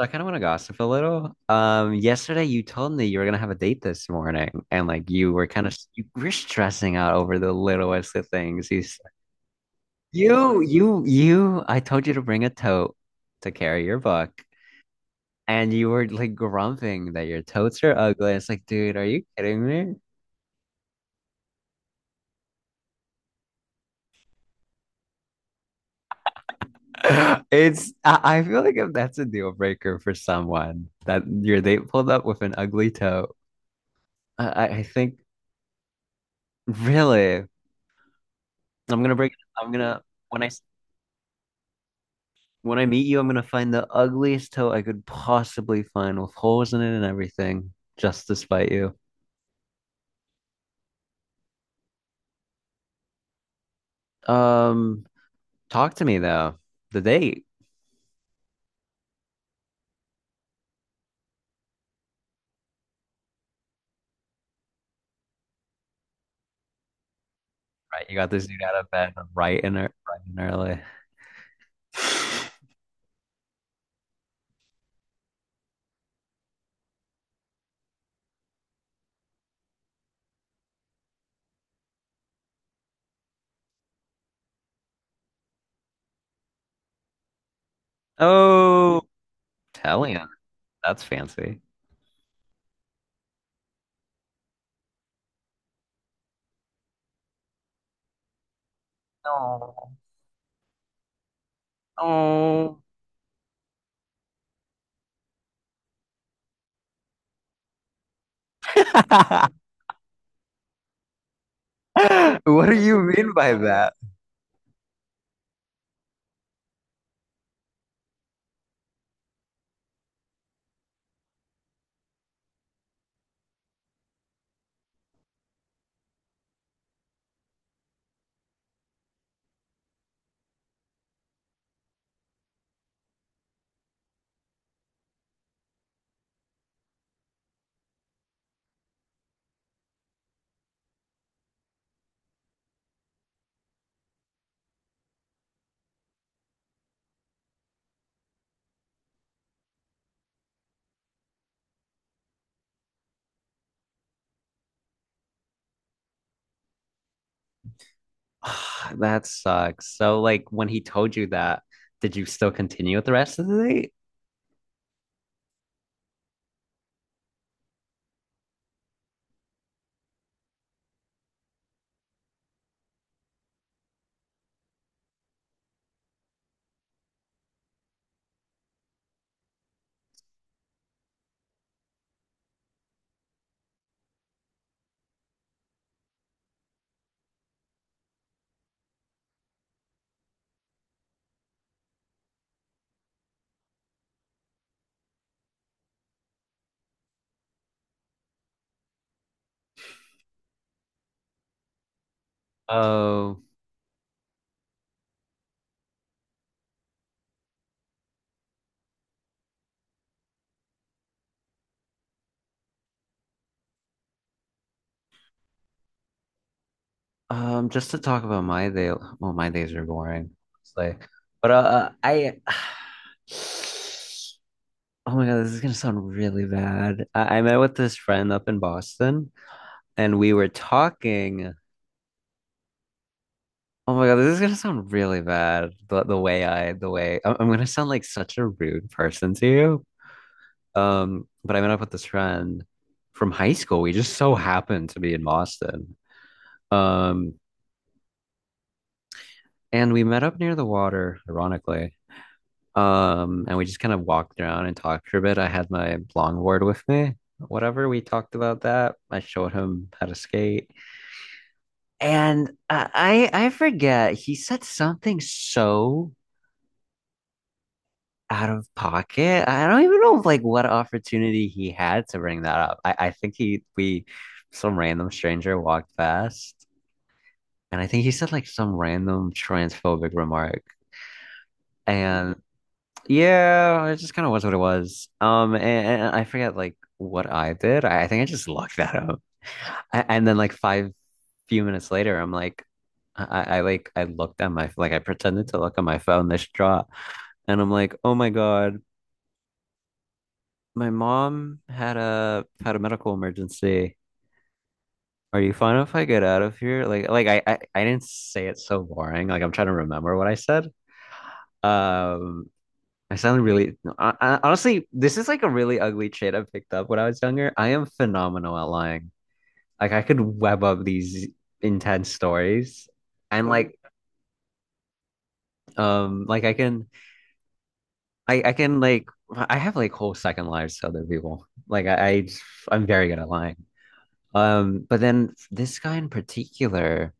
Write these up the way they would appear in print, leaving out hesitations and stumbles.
So I kind of want to gossip a little. Yesterday you told me you were gonna have a date this morning, and like you were stressing out over the littlest of things. You. I told you to bring a tote to carry your book, and you were like grumping that your totes are ugly. It's like, dude, are you kidding me? It's. I feel like if that's a deal breaker for someone, that your date pulled up with an ugly tote, I think really, I'm gonna break. I'm gonna when I. When I meet you, I'm gonna find the ugliest toe I could possibly find with holes in it and everything, just to spite you. Um, Talk to me though. The date, right? You got this dude out of bed right in right and early. Oh, Italian. That's fancy. Oh, oh. What do you mean by that? That sucks. So, like, when he told you that, did you still continue with the rest of the date? Oh. Just to talk about my day, well, my days are boring. It's like, but I, oh my God, this is gonna sound really bad. I met with this friend up in Boston, and we were talking. Oh my God, this is gonna sound really bad. The way I'm gonna sound like such a rude person to you. But I met up with this friend from high school. We just so happened to be in Boston. Um, and we met up near the water, ironically. And we just kind of walked around and talked for a bit. I had my longboard with me. Whatever, we talked about that. I showed him how to skate. And I forget, he said something so out of pocket. I don't even know like what opportunity he had to bring that up. I think he we some random stranger walked past and I think he said like some random transphobic remark. And yeah, it just kind of was what it was. And I forget like what I did. I think I just looked that up. A- And then like five few minutes later, I'm like, I, like I looked at my like I pretended to look at my phone this distraught, and I'm like, oh my God, my mom had a medical emergency. Are you fine if I get out of here? I didn't say it so boring. Like I'm trying to remember what I said. Um, I sound really, no, I, Honestly, this is like a really ugly trait I picked up when I was younger. I am phenomenal at lying. Like I could web up these intense stories and oh, like, um, like I can, I can like, I have like whole second lives to other people. I'm very good at lying. But then this guy in particular,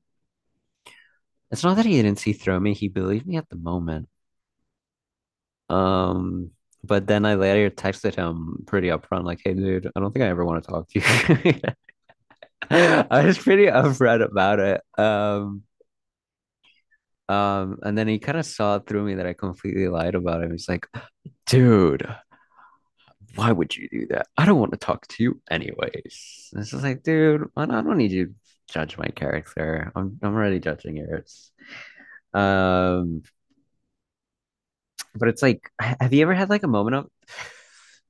it's not that he didn't see through me. He believed me at the moment. Um, But then I later texted him pretty upfront, like, "Hey, dude, I don't think I ever want to talk to you." I was pretty upfront about it. And then he kind of saw through me that I completely lied about him. He's like, dude, why would you do that? I don't want to talk to you anyways. And it's just like, dude, I don't need you to judge my character. I'm already judging yours. Um, But it's like, have you ever had like a moment of?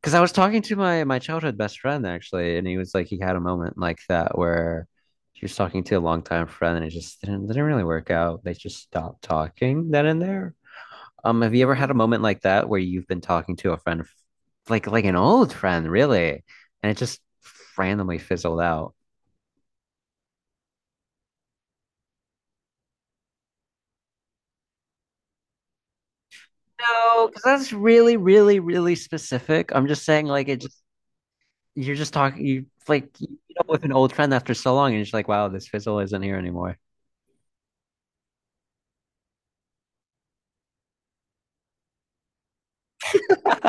Because I was talking to my childhood best friend actually, and he was like, he had a moment like that where he was talking to a longtime friend, and it just didn't really work out. They just stopped talking then and there. Have you ever had a moment like that where you've been talking to a friend, like an old friend, really, and it just randomly fizzled out? No, because that's really, really, really specific. I'm just saying, like, it just you're just talking you like you meet up with an old friend after so long and you're just like wow this fizzle isn't here anymore.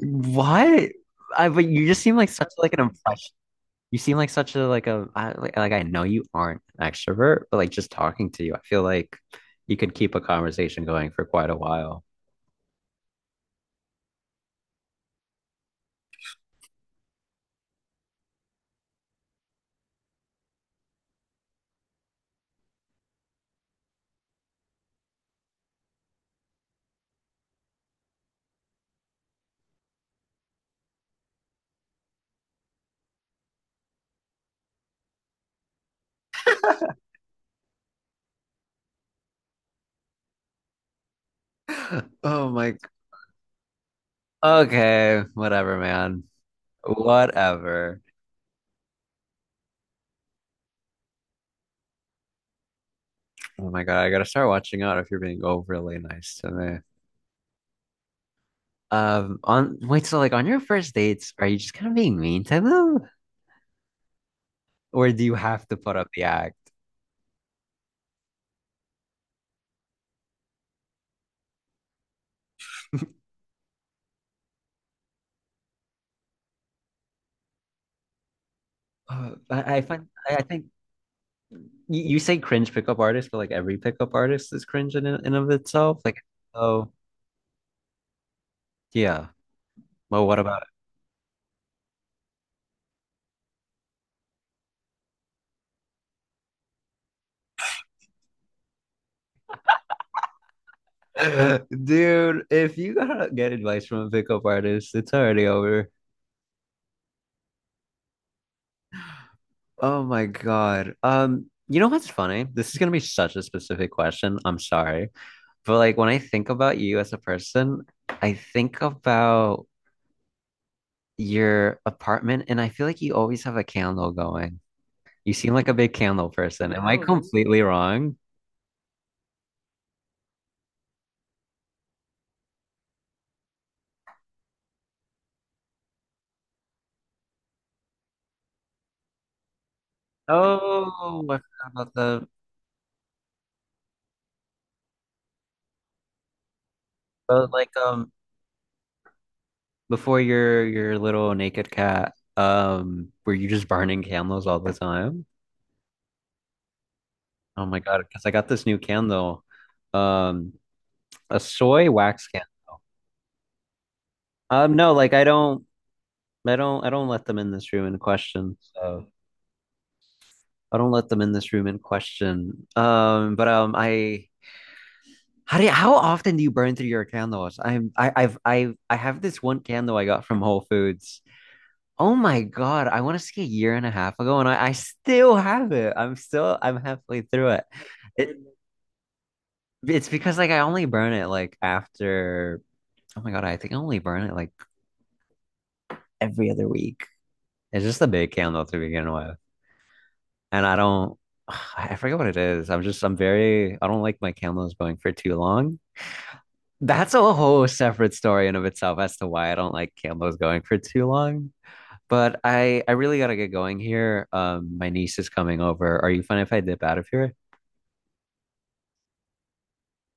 What I but you just seem like such like an impression you seem like such a like a I, like I know you aren't an extrovert but like just talking to you I feel like you could keep a conversation going for quite a while. Oh my, okay, whatever man, whatever. Oh my god, I gotta start watching out if you're being overly nice to me. On wait, so like on your first dates, are you just kind of being mean to them, or do you have to put up the act? I think you say cringe pickup artist, but like every pickup artist is cringe in and of itself. Like, oh yeah. Well, what about it? Dude, if you gotta get advice from a pickup artist, it's already over. Oh my God. You know what's funny? This is gonna be such a specific question. I'm sorry. But like when I think about you as a person, I think about your apartment, and I feel like you always have a candle going. You seem like a big candle person. Am I, oh, completely wrong? Oh, I forgot about the but like before your little naked cat, were you just burning candles all the time? Oh my God, because I got this new candle, um, a soy wax candle. Um, no, like I don't, I don't let them in this room in question. So I don't let them in this room in question. But I how how often do you burn through your candles? I have this one candle I got from Whole Foods. Oh my God, I want to say a year and a half ago, and I still have it. I'm halfway through it. It it's because like I only burn it like after oh my God, I think I only burn it like every other week. It's just a big candle to begin with. And I don't I forget what it is. I'm just I'm very I don't like my candles going for too long. That's a whole separate story in of itself as to why I don't like Campbell's going for too long. But I really gotta get going here. My niece is coming over. Are you fine if I dip out of here?